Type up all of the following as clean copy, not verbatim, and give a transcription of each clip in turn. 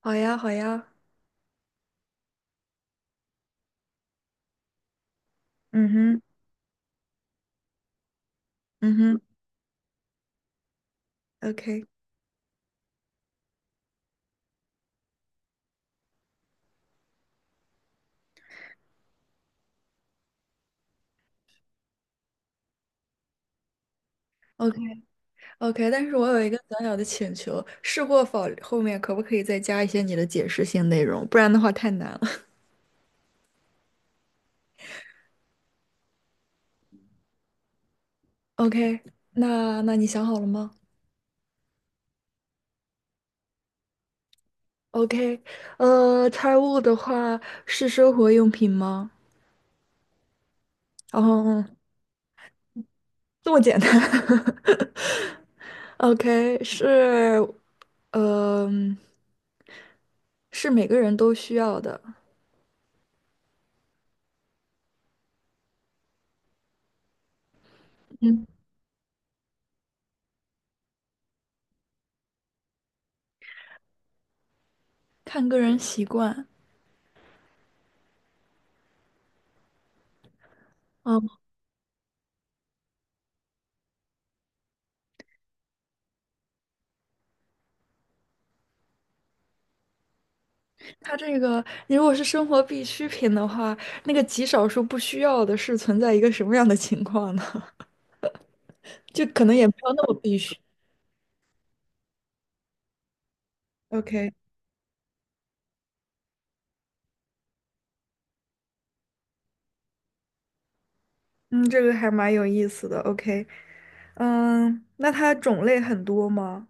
好呀，好呀嗯哼，嗯哼，OK。OK OK，但是我有一个小小的请求，试过否后面可不可以再加一些你的解释性内容？不然的话太难了。OK，那你想好了吗？OK，财务的话是生活用品吗？哦，这么简单。OK，是，嗯，是每个人都需要的。嗯，看个人习惯。它这个你如果是生活必需品的话，那个极少数不需要的是存在一个什么样的情况呢？就可能也没有那么必须。OK，嗯，这个还蛮有意思的。OK，嗯，那它种类很多吗？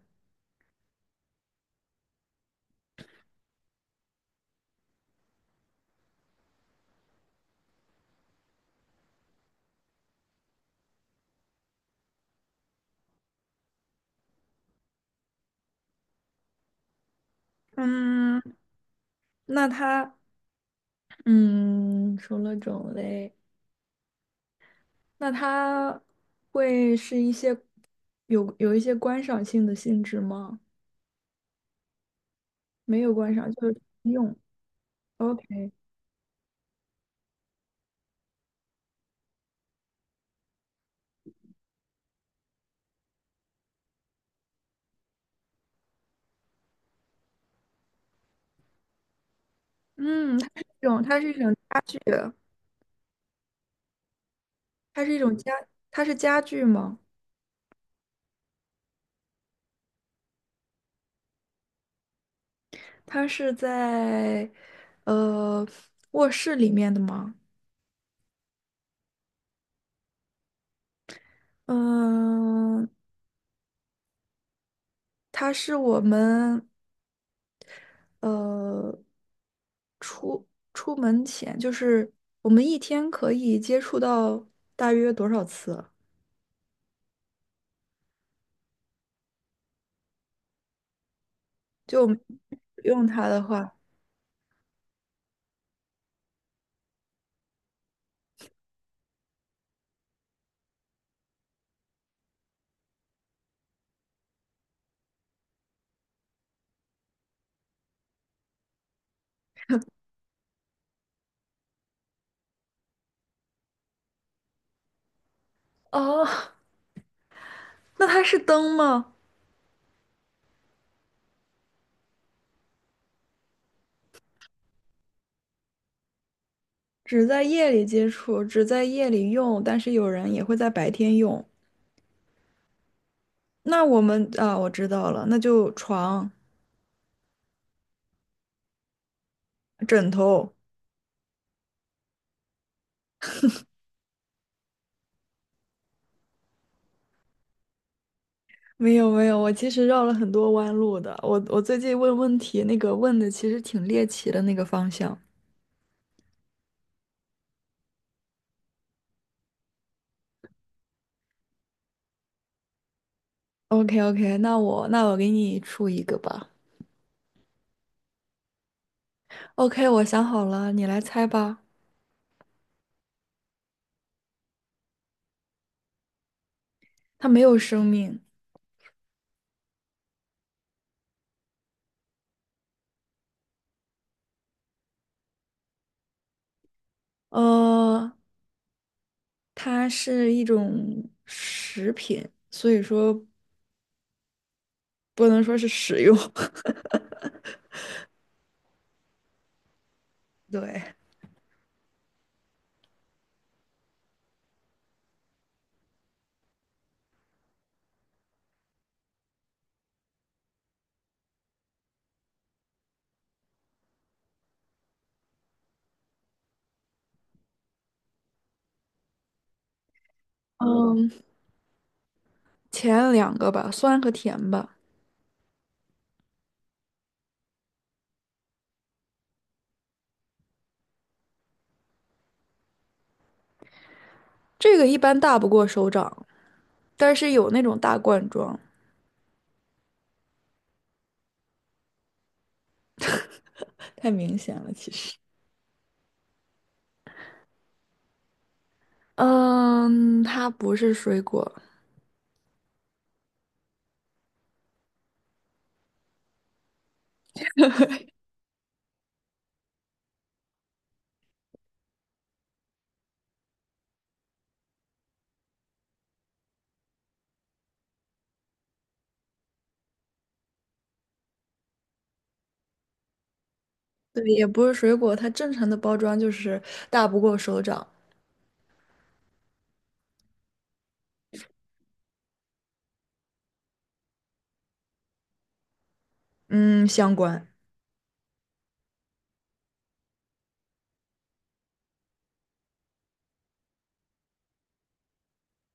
嗯，那它，嗯，除了种类，那它会是一些有一些观赏性的性质吗？没有观赏，就是用。OK，嗯，它是一种家具。它是一种家，它是家具吗？它是在呃卧室里面的吗？嗯，它是我们呃出出门前，就是我们一天可以接触到大约多少次啊就我们用它的话，哦 那它是灯吗？只在夜里接触，只在夜里用，但是有人也会在白天用。那我们啊，我知道了，那就床、枕头。没有没有，我其实绕了很多弯路的。我最近问问题，那个问的其实挺猎奇的那个方向。OK OK，那我给你出一个吧。OK，我想好了，你来猜吧。它没有生命，呃，它是一种食品，所以说不能说是食用。对，嗯，前两个吧，酸和甜吧。这个一般大不过手掌。但是有那种大罐装，太明显了，其实。嗯，它不是水果，对，也不是水果，它正常的包装就是大不过手掌。嗯，相关。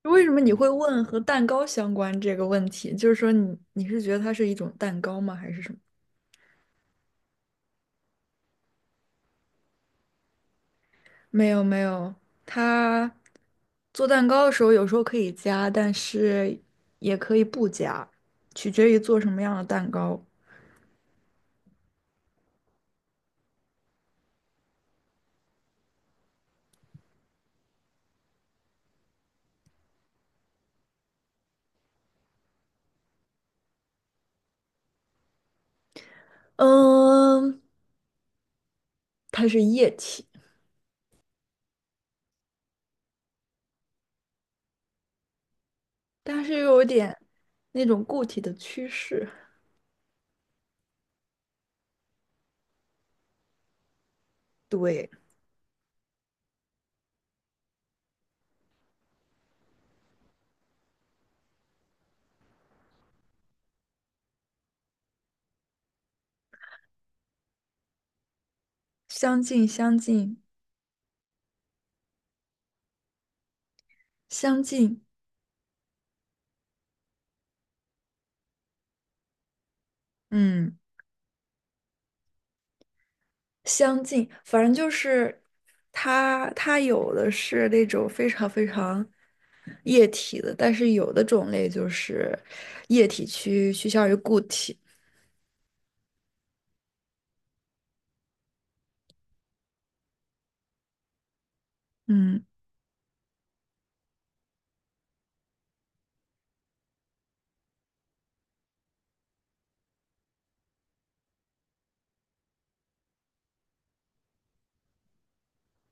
为什么你会问和蛋糕相关这个问题？就是说你是觉得它是一种蛋糕吗？还是什么？没有没有，它做蛋糕的时候有时候可以加，但是也可以不加，取决于做什么样的蛋糕。嗯，它是液体。但是又有点那种固体的趋势，对，相近相近相近，嗯，相近，反正就是它有的是那种非常非常液体的，但是有的种类就是液体趋向于固体，嗯，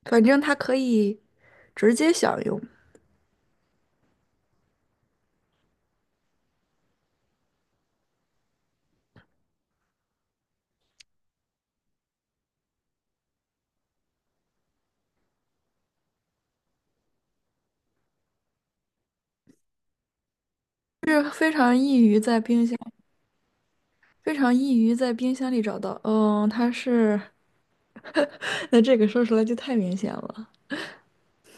反正它可以直接享用，是非常易于在冰箱非常易于在冰箱里找到，嗯，那这个说出来就太明显了。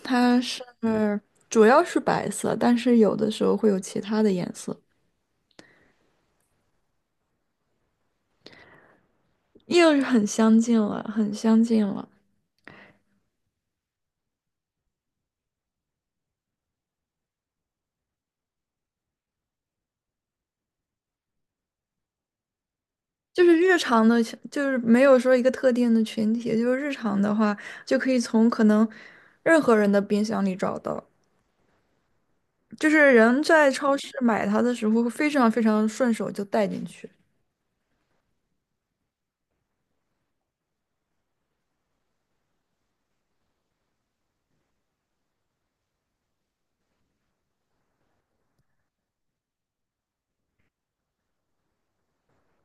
它是主要是白色，但是有的时候会有其他的颜色，又是很相近了，很相近了。就是日常的，就是没有说一个特定的群体，就是日常的话，就可以从可能任何人的冰箱里找到。就是人在超市买它的时候，会非常非常顺手就带进去，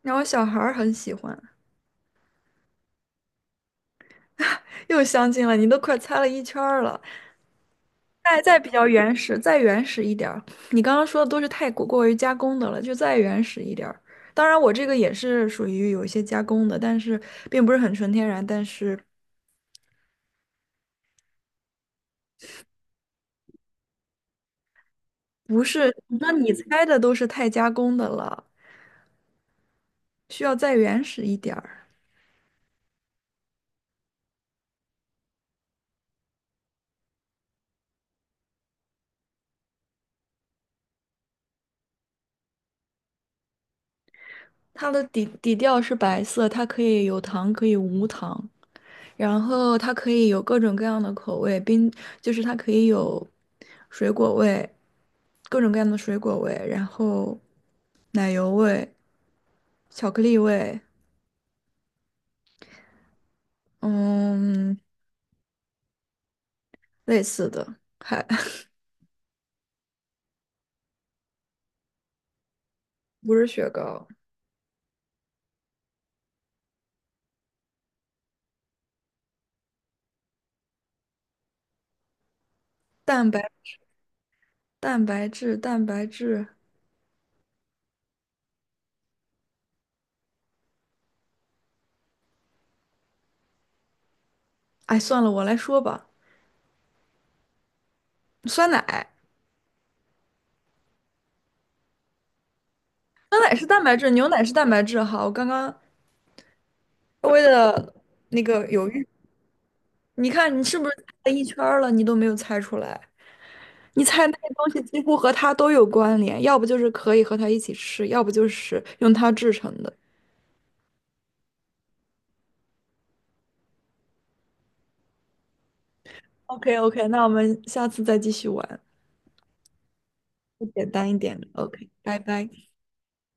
然后小孩儿很喜欢，又相近了，你都快猜了一圈儿了。再比较原始，再原始一点儿。你刚刚说的都是过于加工的了，就再原始一点儿。当然，我这个也是属于有一些加工的，但是并不是很纯天然，但是不是，那你猜的都是太加工的了，需要再原始一点儿。它的底调是白色，它可以有糖，可以无糖，然后它可以有各种各样的口味，就是它可以有水果味，各种各样的水果味，然后奶油味。巧克力味，嗯，类似的，还 不是雪糕，蛋白蛋白质蛋白质，哎，算了，我来说吧，酸奶，酸奶是蛋白质，牛奶是蛋白质哈，我刚刚稍微的那个犹豫，你看你是不是猜一圈儿了，你都没有猜出来，你猜那些东西几乎和它都有关联，要不就是可以和它一起吃，要不就是用它制成的。OK OK，那我们下次再继续玩，简单一点的。OK，拜拜。